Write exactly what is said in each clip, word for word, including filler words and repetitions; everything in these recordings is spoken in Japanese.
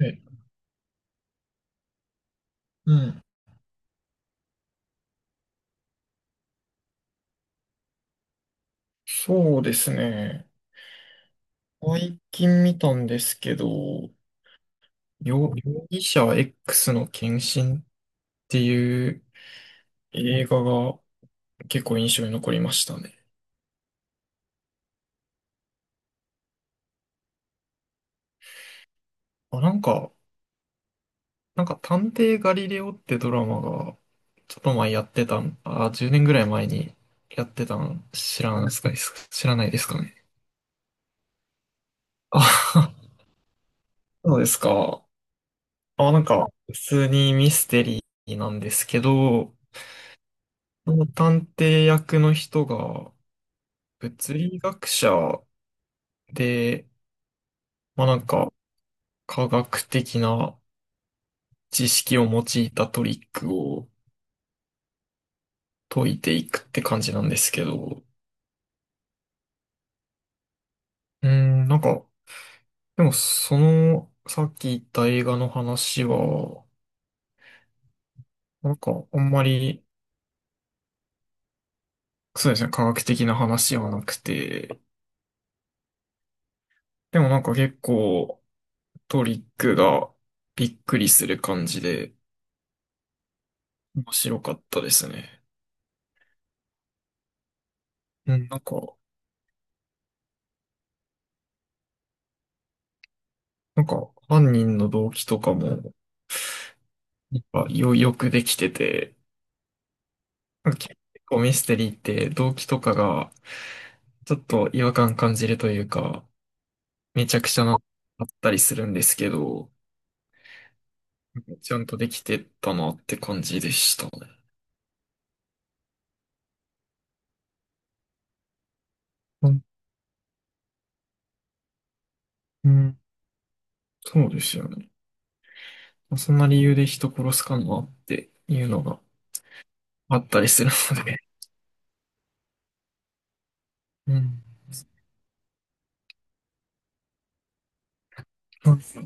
え、うん。そうですね。最近見たんですけど、容、容疑者 X の献身っていう映画が結構印象に残りましたね。あ、なんか、なんか探偵ガリレオってドラマがちょっと前やってたん、あ、じゅうねんぐらい前にやってたん知らないですか、知らないですかね。あ、そうですか。あ、なんか普通にミステリーなんですけど、その探偵役の人が物理学者で、まあなんか科学的な知識を用いたトリックを解いていくって感じなんですけど、うーん、なんか、でもそのさっき言った映画の話は、なんかあんまりそうですね、科学的な話はなくて、でもなんか結構トリックがびっくりする感じで面白かったですね。うん、なんか、なんか、犯人の動機とかも、やっぱよ、よくできてて、なんか結構ミステリーって動機とかが、ちょっと違和感感じるというか、めちゃくちゃな、あったりするんですけど、ちゃんとできてたなって感じでしたね。うんうんそうですよね。まあそんな理由で人殺すかなっていうのがあったりするので。うん。そうです。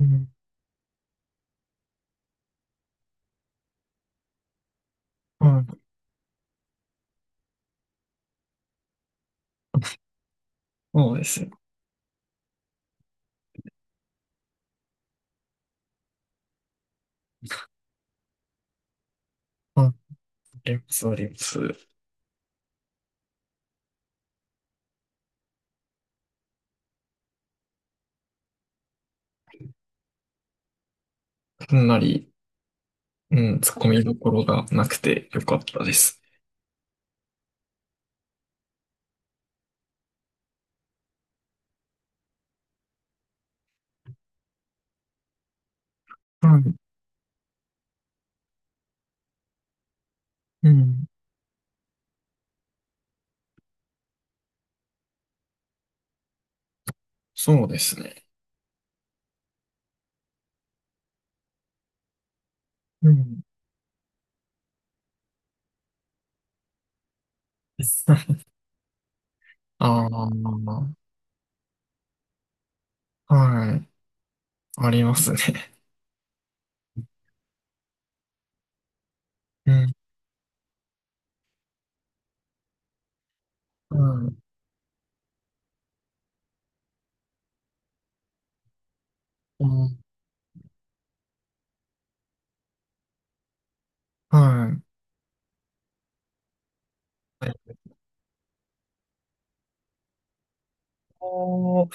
うん。はい。そうですよ。ああります、あります。かなり。うん、突っ込みどころがなくてよかったです。はい。うん。そうですね。うん。ああ、はい。ありますね。うん。うん。うん。はい。お、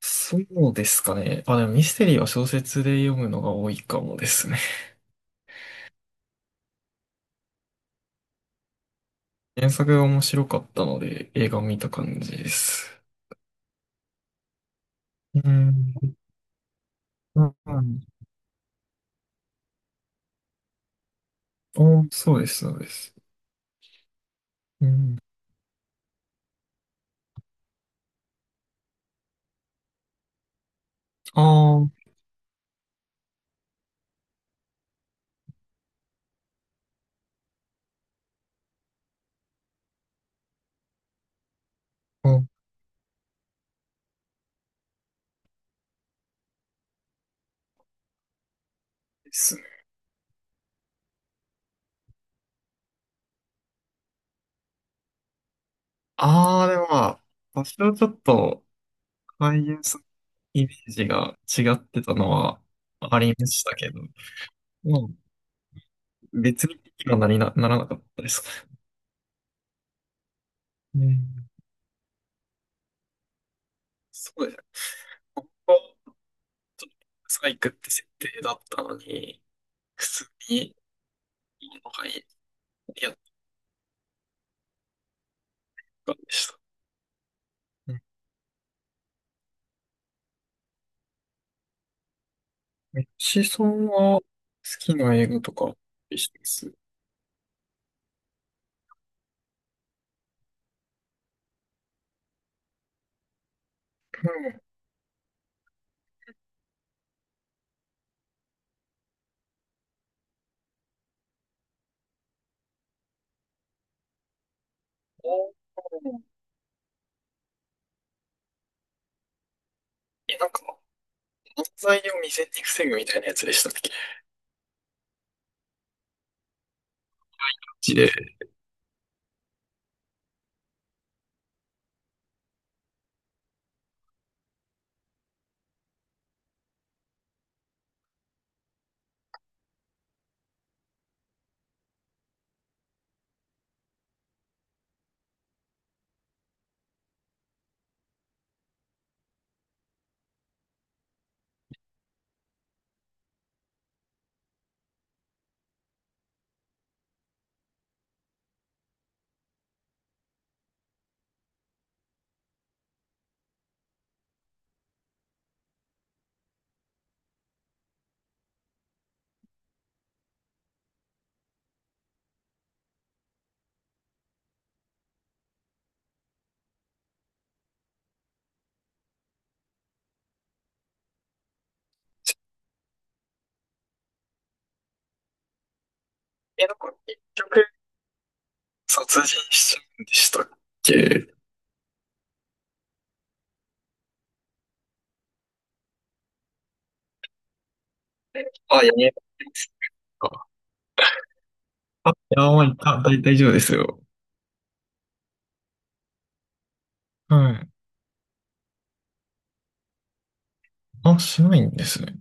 そうですかね。あ、でもミステリーは小説で読むのが多いかもですね。原作が面白かったので映画を見た感じです。うん。うん。お、そうです、そうです。うん。ああ、そうです。ああ、でもまあ、多少ちょっと、俳優さんのイメージが違ってたのはありましたけど、まあ、別に気にはなりな、ならなかったですね。うん。そうですね。本当、サイクって設定だったのに、普通にいいのがいい、やったんでした。うん。ミッチさんは好きな映画とか、してます。うん。おー。え、なんか、犯罪を未然に防ぐみたいなやつでしたっけ？マジで。え、なんか、結局、殺人しちゃうんでしたっけ？あ、やめますか。あ、いや、まあ、いた大大丈夫ですよ。はい。あ、しないんですね。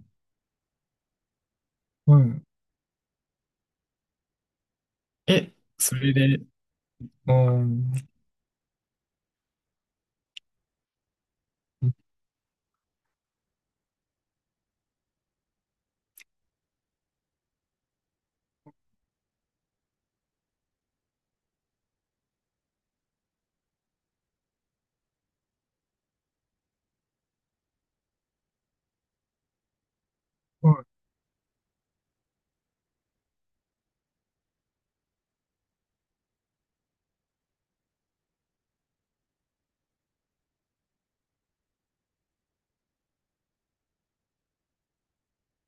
うん。え、それで、うん。うん。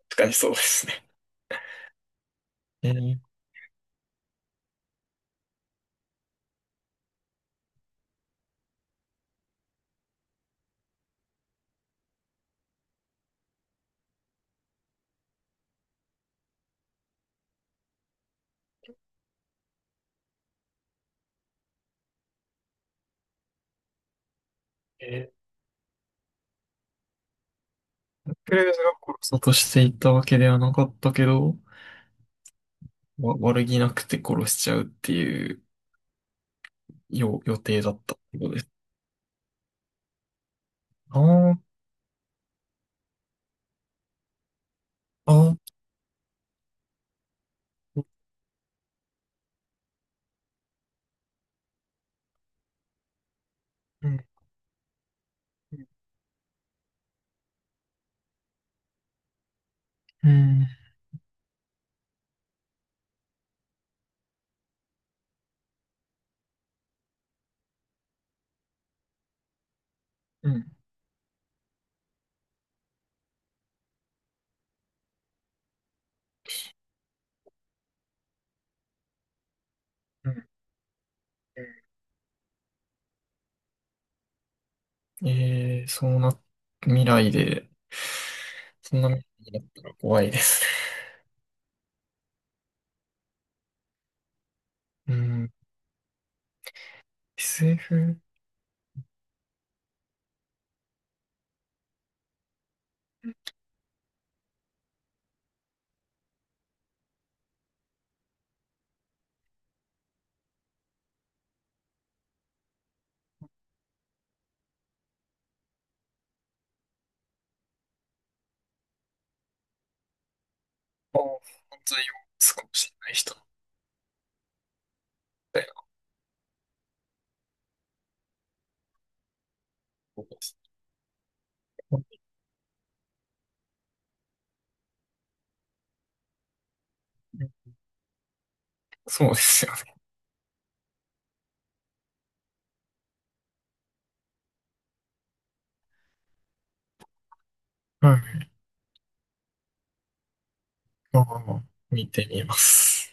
確かにそうですね。えー、えー、クレーズが殺そうとしていたわけではなかったけど、わ、悪気なくて殺しちゃうっていうよ予定だったってことです。ああ、ああ、うん、うん、うん、うん、うん。ええそうな、未来で、そんな未来になったら怖いですね。うん。エスエフ、あ、犯罪を少しれない人みたいなことです。そうですよね。はい。まあまあまあ、見てみます。